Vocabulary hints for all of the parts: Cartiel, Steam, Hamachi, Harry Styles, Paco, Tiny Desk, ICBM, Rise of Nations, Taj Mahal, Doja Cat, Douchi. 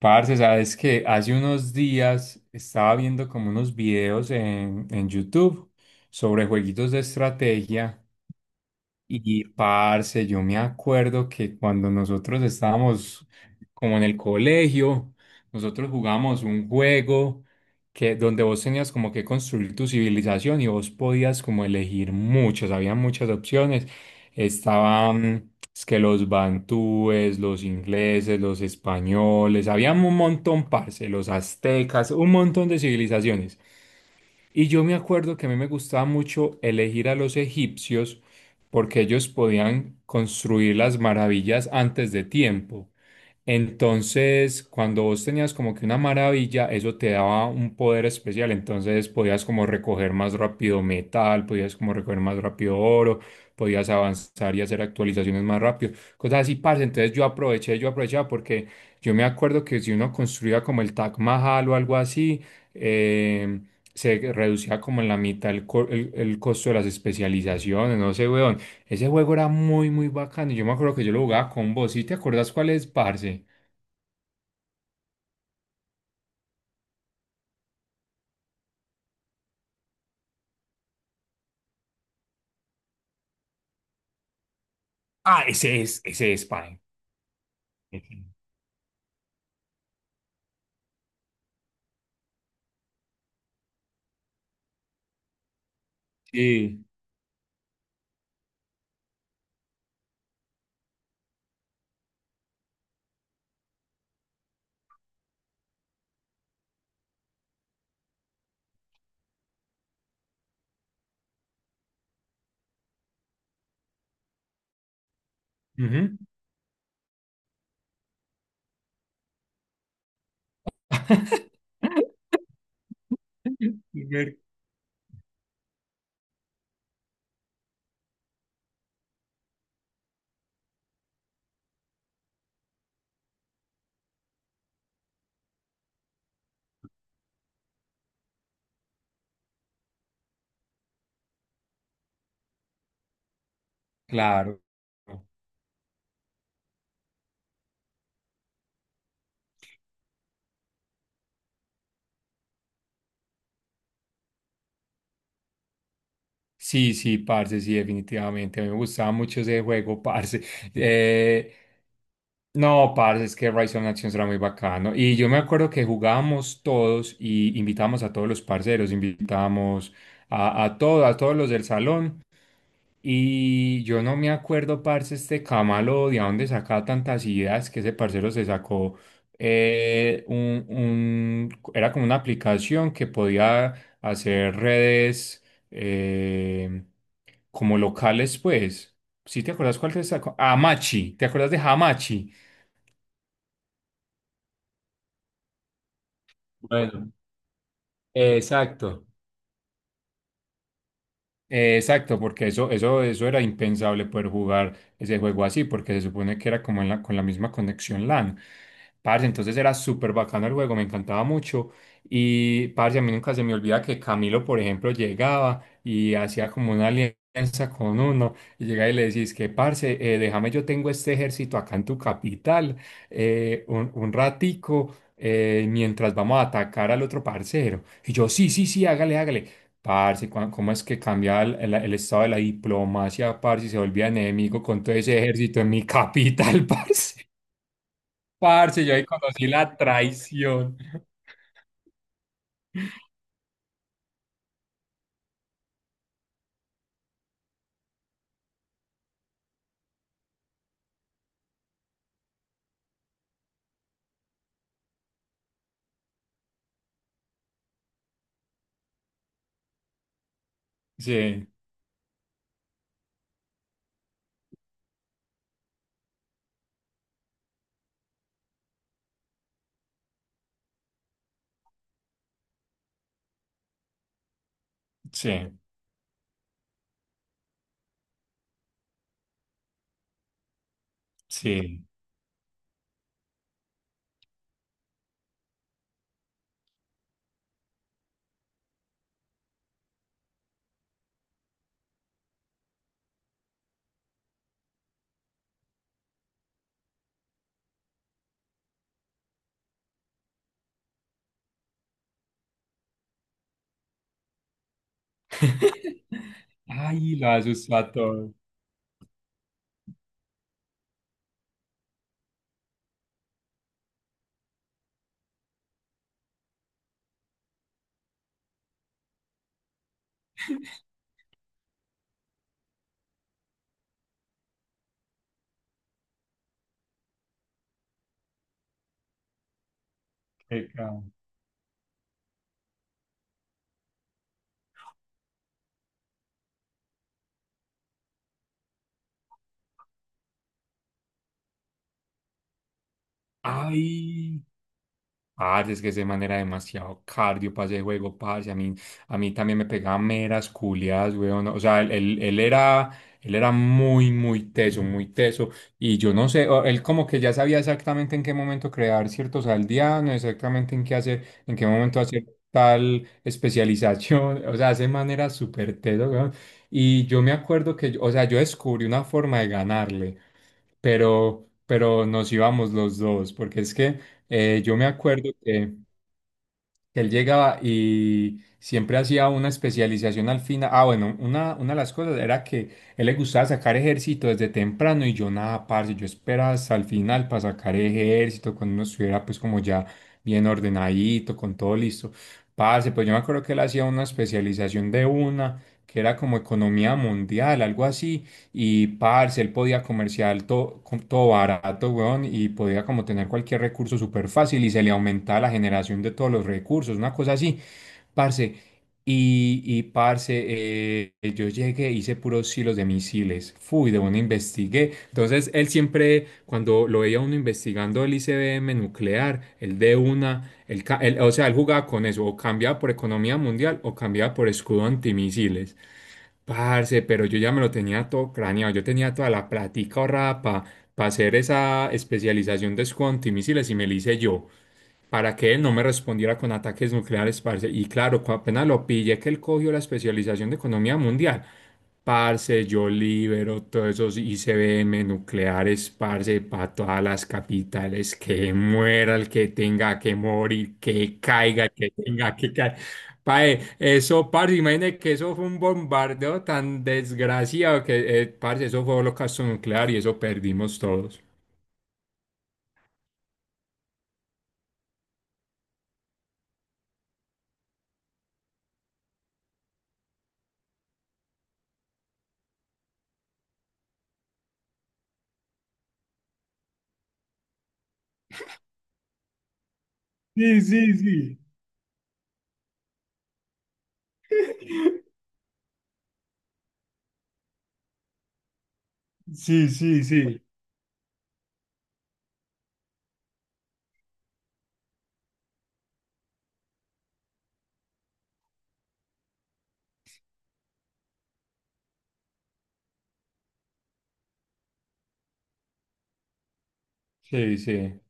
Parce, sabes que hace unos días estaba viendo como unos videos en YouTube sobre jueguitos de estrategia. Y parce, yo me acuerdo que cuando nosotros estábamos como en el colegio, nosotros jugamos un juego que donde vos tenías como que construir tu civilización y vos podías como elegir muchos, había muchas opciones. Estaban es que los bantúes, los ingleses, los españoles, había un montón, parce, los aztecas, un montón de civilizaciones. Y yo me acuerdo que a mí me gustaba mucho elegir a los egipcios porque ellos podían construir las maravillas antes de tiempo. Entonces, cuando vos tenías como que una maravilla, eso te daba un poder especial. Entonces podías como recoger más rápido metal, podías como recoger más rápido oro, podías avanzar y hacer actualizaciones más rápido. Cosas así, parce. Entonces yo aproveché, yo aprovechaba porque yo me acuerdo que si uno construía como el Taj Mahal o algo así, eh, se reducía como en la mitad el costo de las especializaciones, no sé, weón. Ese juego era muy, muy bacano. Yo me acuerdo que yo lo jugaba con vos. ¿Sí te acordás cuál es, parce? Ah, ese es, Pine. Sí. Ujú. Primer- Claro. Sí, sí, parce, sí, definitivamente. Me gustaba mucho ese juego, parce. Eh, no, parce, es que Rise of Nations era muy bacano. Y yo me acuerdo que jugábamos todos y invitábamos a todos los parceros, invitábamos a todos los del salón. Y yo no me acuerdo, parce, este Camalo, de a dónde sacaba tantas ideas que ese parcero se sacó. Era como una aplicación que podía hacer redes eh, como locales, pues. ¿Sí te acuerdas cuál te sacó? Hamachi, ¿te acuerdas de Hamachi? Bueno, exacto. Exacto, porque eso era impensable poder jugar ese juego así, porque se supone que era como en la, con la misma conexión LAN. Parce, entonces era súper bacano el juego, me encantaba mucho. Y parce, a mí nunca se me olvida que Camilo, por ejemplo, llegaba y hacía como una alianza con uno, y llegaba y le decís que, parce, déjame, yo tengo este ejército acá en tu capital, un ratico, mientras vamos a atacar al otro parcero. Y yo, sí, sí, sí, hágale, hágale. Parce, cua- ¿cómo es que cambia el estado de la diplomacia, parce, y se volvía enemigo con todo ese ejército en mi capital, parce? Parce, yo ahí conocí la traición. Sí, sí, sí. Ay, lo asustó a todo. Qué cabrón. Ay. Parce, es que ese man era demasiado cardio para ese juego, parce. A mí también me pegaba meras culiadas, weón. O sea, él era muy, muy teso, muy teso. Y yo no sé, o- él como que ya sabía exactamente en qué momento crear ciertos aldeanos, exactamente en qué hacer, en qué momento hacer tal especialización. O sea, ese man era súper teso, weón. Y yo me acuerdo que, yo- o sea, yo descubrí una forma de ganarle pero nos íbamos los dos, porque es que yo me acuerdo que él llegaba y siempre hacía una especialización al final. Ah, bueno, una de las cosas era que él le gustaba sacar ejército desde temprano y yo nada, parce, yo esperaba hasta el final para sacar ejército, cuando uno estuviera pues como ya bien ordenadito, con todo listo. Parce, pues yo me acuerdo que él hacía una especialización de una, que era como economía mundial, algo así, y parce, él podía comerciar todo, todo barato, weón, y podía como tener cualquier recurso súper fácil y se le aumentaba la generación de todos los recursos, una cosa así, parce. Y parce, yo llegué, hice puros silos de misiles, fui, de una investigué. Entonces, él siempre, cuando lo veía uno investigando el ICBM nuclear, el de una, o sea, él jugaba con eso, o cambiaba por economía mundial o cambiaba por escudo antimisiles. Parce, pero yo ya me lo tenía todo craneado, yo tenía toda la platica ahorrada para hacer esa especialización de squad antimisiles y me la hice yo para que él no me respondiera con ataques nucleares, parce. Y claro, cu- apenas lo pillé que él cogió la especialización de economía mundial. Parce, yo libero todos esos ICBM nucleares, parce, para todas las capitales, que muera el que tenga que morir, que caiga el que tenga que caer. Pae, eso, parce, imagínate que eso fue un bombardeo tan desgraciado que, parce, eso fue holocausto nuclear y eso perdimos todos. Sí, sí, sí. Sí, sí, sí. Sí, sí.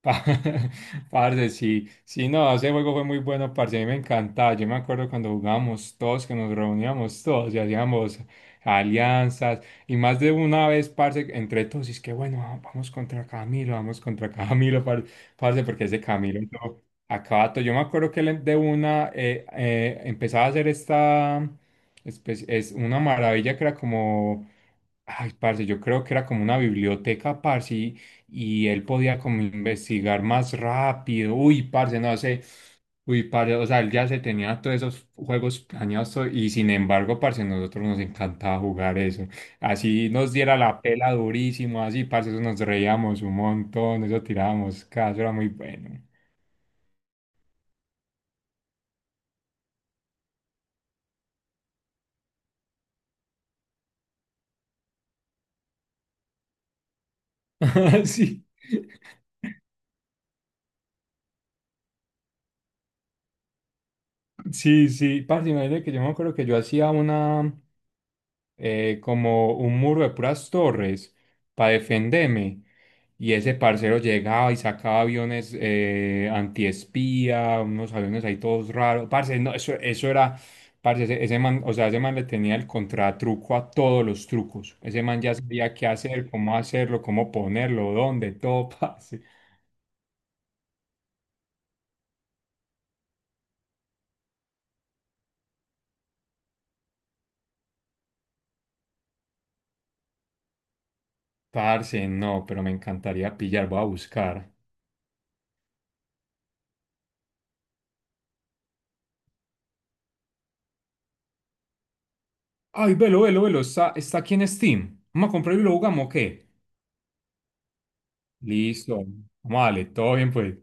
Pa- Parce, sí, sí, no, ese juego fue muy bueno, parce, a mí me encantaba, yo me acuerdo cuando jugábamos todos, que nos reuníamos todos y hacíamos alianzas, y más de una vez, parce, entre todos, y es que bueno, ah, vamos contra Camilo, vamos contra Camilo, par- parce, porque ese Camilo, no, acaba todo, yo me acuerdo que él de una empezaba a hacer esta, espe- es una maravilla que era como... Ay, parce, yo creo que era como una biblioteca, parce, y él podía como investigar más rápido. Uy, parce, no sé. Uy, parce, o sea, él ya se tenía todos esos juegos planeados todo, y sin embargo, parce, nosotros nos encantaba jugar eso. Así nos diera la pela durísimo, así, parce, eso nos reíamos un montón, eso tirábamos, cada eso era muy bueno. Sí. Sí, sí, parce, imagínate que yo me acuerdo que yo hacía una. Como un muro de puras torres para defenderme. Y ese parcero llegaba y sacaba aviones antiespía, unos aviones ahí todos raros. Parce, no, eso era, parce, ese man, o sea, ese man le tenía el contratruco a todos los trucos. Ese man ya sabía qué hacer, cómo hacerlo, cómo ponerlo, dónde, todo, parce. Parce, no, pero me encantaría pillar, voy a buscar. Ay, velo, velo, velo, está aquí en Steam. Vamos a comprarlo y lo jugamos, ¿o qué? Listo. Vamos a darle, todo bien, pues.